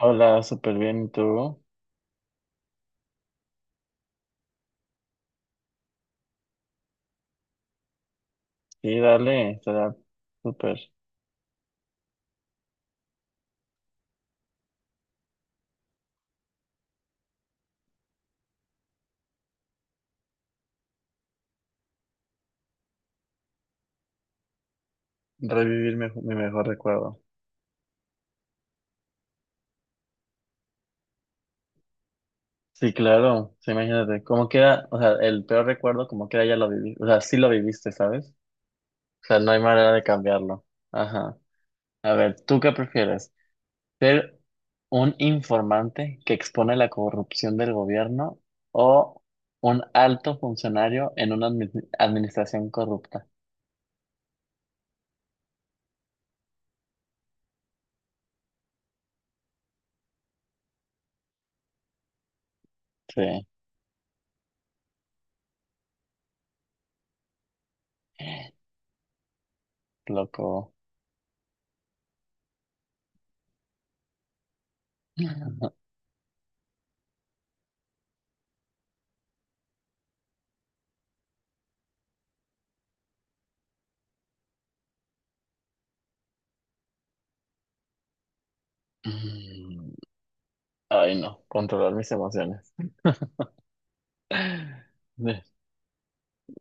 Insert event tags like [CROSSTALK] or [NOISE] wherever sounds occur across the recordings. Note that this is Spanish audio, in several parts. Hola, súper bien, ¿y tú? Sí, dale, será súper revivir mi mejor recuerdo. Sí, claro, sí, imagínate, cómo queda, o sea, el peor recuerdo, como queda, ya lo viví, o sea, sí lo viviste, ¿sabes? O sea, no hay manera de cambiarlo. Ajá. A ver, ¿tú qué prefieres? ¿Ser un informante que expone la corrupción del gobierno o un alto funcionario en una administración corrupta? Sí, loco. [LAUGHS] Mm. Ay, no, controlar mis emociones. De-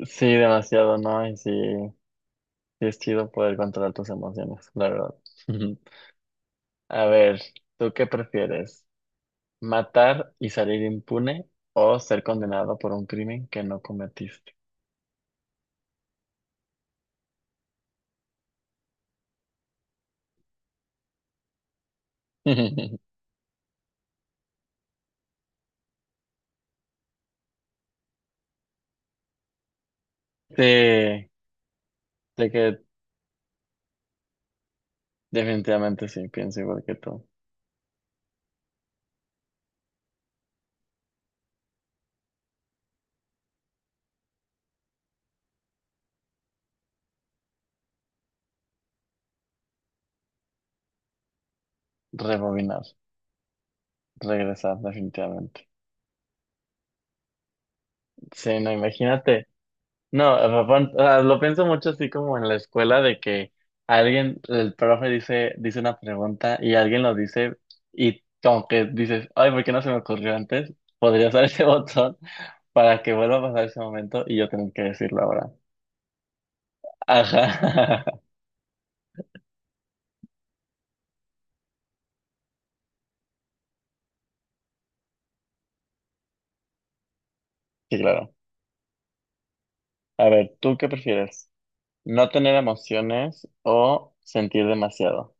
Sí, demasiado, ¿no? Y sí, sí es chido poder controlar tus emociones, la verdad. [LAUGHS] A ver, ¿tú qué prefieres? ¿Matar y salir impune o ser condenado por un crimen que no cometiste? [LAUGHS] Sí, de que definitivamente sí, pienso igual que tú. Rebobinar, regresar, definitivamente. Sí, no, imagínate. No, Rafa, o sea, lo pienso mucho así como en la escuela de que alguien, el profe dice una pregunta y alguien lo dice y como que dices, ay, ¿por qué no se me ocurrió antes? Podría usar ese [LAUGHS] botón para que vuelva a pasar ese momento y yo tengo que decirlo ahora. Ajá. [LAUGHS] Sí, claro. A ver, ¿tú qué prefieres? ¿No tener emociones o sentir demasiado?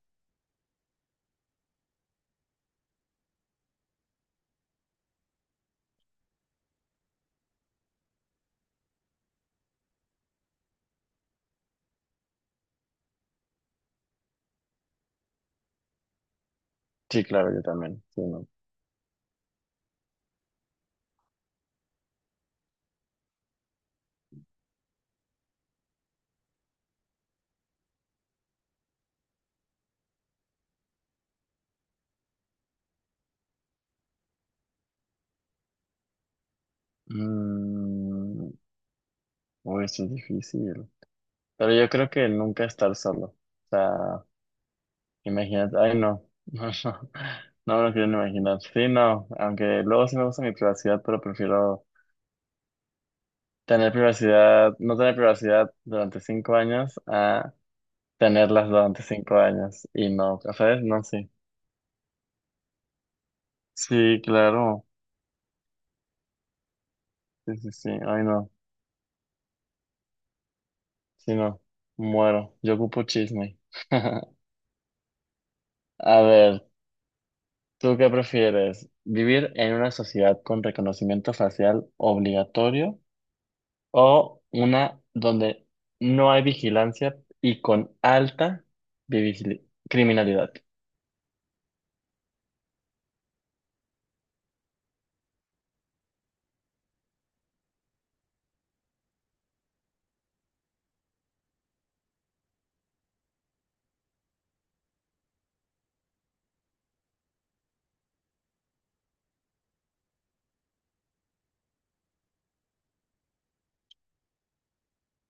Sí, claro, yo también. Sí, no. Mm, uy, eso es difícil. Pero yo creo que nunca estar solo. O sea, imagínate, ay no, [LAUGHS] no, no, no me lo quiero ni imaginar. Sí, no, aunque luego sí me gusta mi privacidad, pero prefiero tener privacidad, no tener privacidad durante cinco años a tenerlas durante cinco años y no, ¿sabes? No, sí. Sí, claro, sí, sí, sí, ay no, sí, no, muero, yo ocupo chisme. [LAUGHS] A ver, ¿tú qué prefieres? ¿Vivir en una sociedad con reconocimiento facial obligatorio? O una donde no hay vigilancia y con alta criminalidad.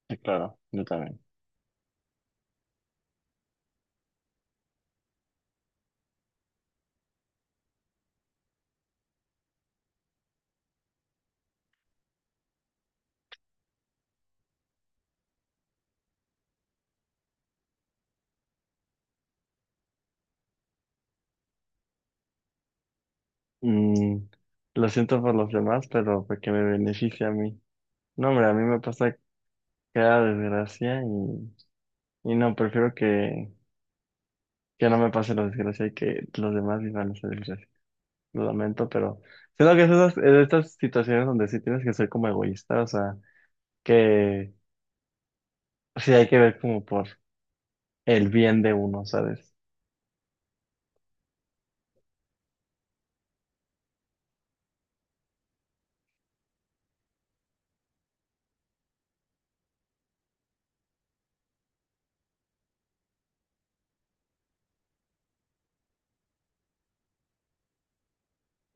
Sí, claro, yo también. Mm, lo siento por los demás, pero porque me beneficia a mí. No, hombre, a mí me pasa cada desgracia y no, prefiero que no me pase la desgracia y que los demás vivan esa desgracia. Lo lamento, pero siento que es esas, es de estas situaciones donde sí tienes que ser como egoísta, o sea, que sí hay que ver como por el bien de uno, ¿sabes?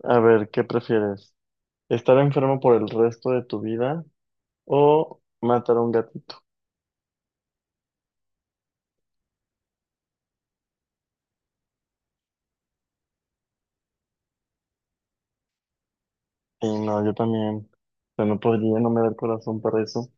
A ver, ¿qué prefieres? ¿Estar enfermo por el resto de tu vida o matar a un gatito? Y no, yo también. O sea, no podría, no me da el corazón para eso.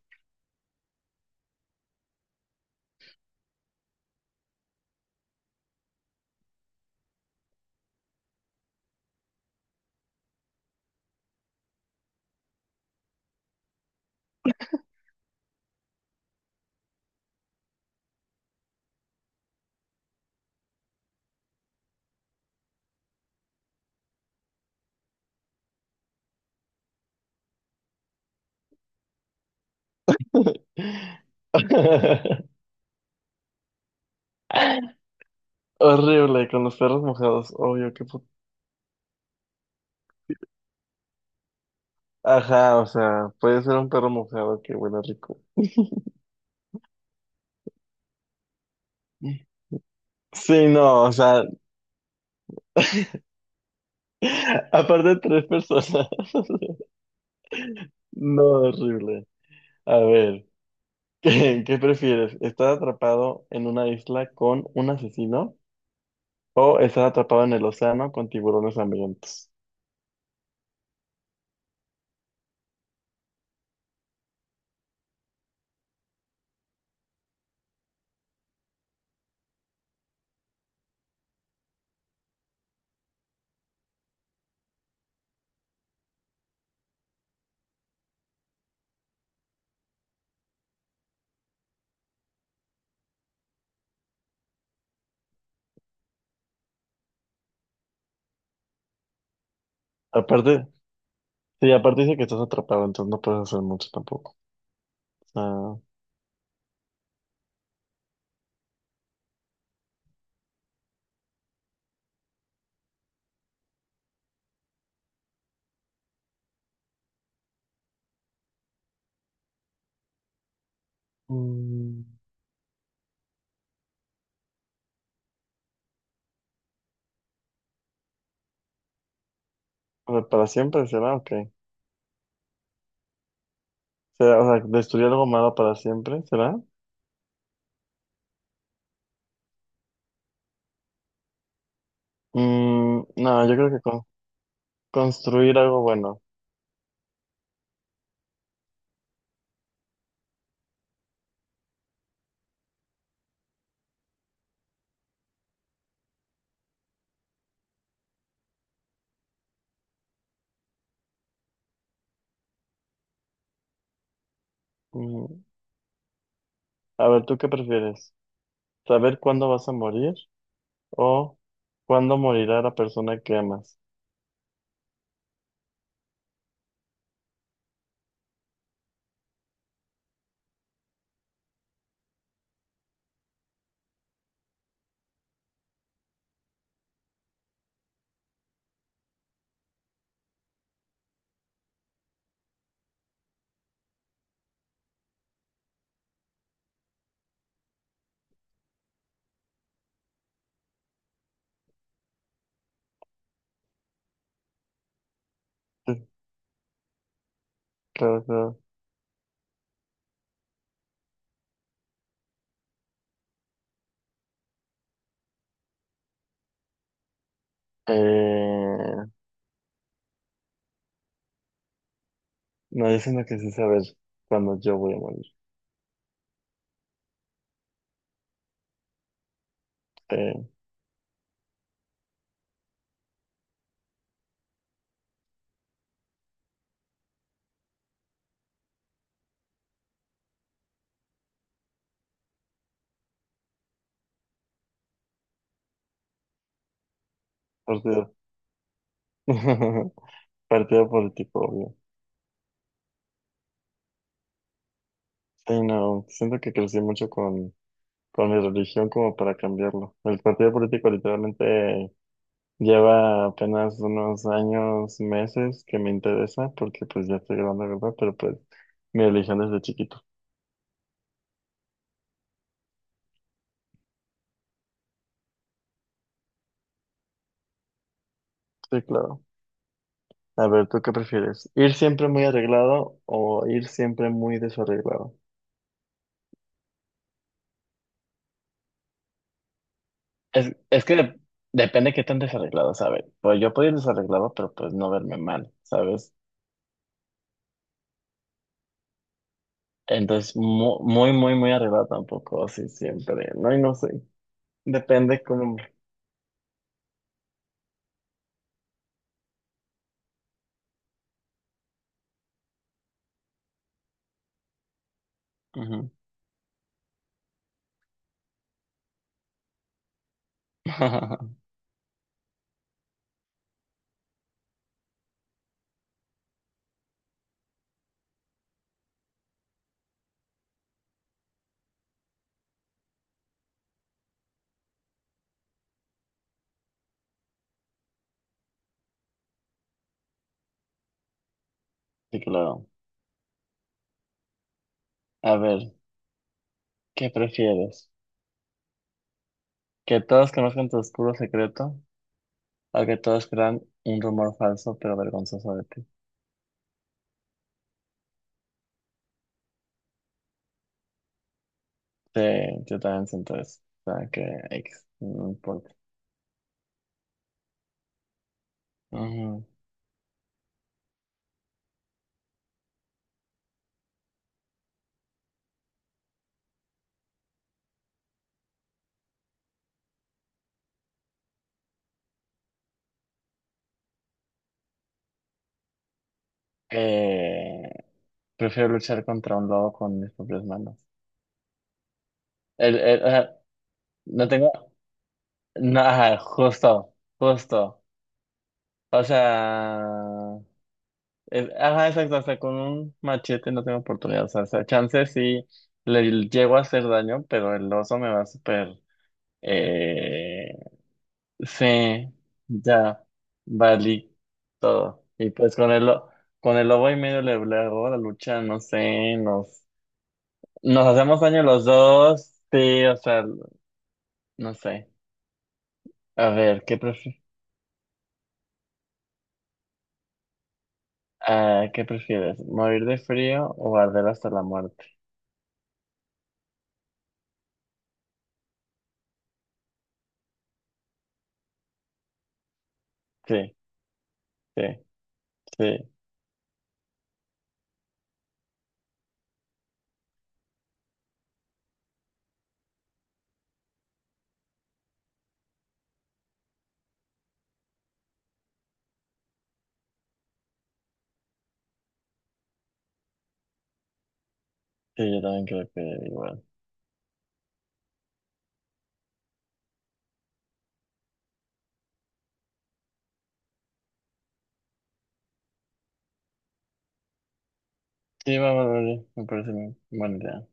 [LAUGHS] Horrible, con los perros mojados. Obvio, qué puto. Ajá, o sea, puede ser un perro mojado que huele rico. Sí, no, o sea, [LAUGHS] aparte de tres personas. [LAUGHS] No, horrible. A ver, [LAUGHS] ¿qué, qué prefieres? ¿Estar atrapado en una isla con un asesino? ¿O estás atrapado en el océano con tiburones hambrientos? Aparte, sí, aparte dice que estás atrapado, entonces no puedes hacer mucho tampoco. O sea, mm, o sea, para siempre será, ok. ¿Será, o sea, destruir algo malo para siempre, será? No, yo creo que construir algo bueno. Mm, a ver, ¿tú qué prefieres? ¿Saber cuándo vas a morir o cuándo morirá la persona que amas? Sí, claro, claro. Eh, no, yo siento que sí saber cuándo yo voy a morir. Eh, Partido. [LAUGHS] Partido político, obvio. Sí, no, siento que crecí mucho con mi religión como para cambiarlo. El partido político literalmente lleva apenas unos años, meses que me interesa, porque pues ya estoy grande, ¿verdad? Pero pues mi religión desde chiquito. Sí, claro. A ver, ¿tú qué prefieres? ¿Ir siempre muy arreglado o ir siempre muy desarreglado? Es que depende qué tan desarreglado, ¿sabes? Pues yo puedo ir desarreglado, pero pues no verme mal, ¿sabes? Entonces, muy, muy, muy arriba tampoco, así siempre. No, y no sé. Depende cómo. Ujú. [LAUGHS] Sí, claro. A ver, ¿qué prefieres? ¿Que todos conozcan tu oscuro secreto? ¿O que todos crean un rumor falso pero vergonzoso de ti? Sí, yo también siento eso. O sea, que X, no importa. Ujú. Eh, prefiero luchar contra un lobo con mis propias manos. El, ajá, no tengo. No, ajá, justo, justo. O sea, ajá, exacto, o sea, con un machete no tengo oportunidad, o sea, chance sí le llego a hacer daño, pero el oso me va a super, eh, sí, ya, valí todo. Y pues con el, con el lobo y medio le, le hago la lucha, no sé, nos, nos hacemos daño los dos, sí, o sea, no sé, a ver, ¿qué prefieres? Ah, ¿qué prefieres? ¿Morir de frío o arder hasta la muerte? Sí, sí, sí, sí, yo también creo que igual. Sí, va, vale, vale, me parece bien. Buena idea.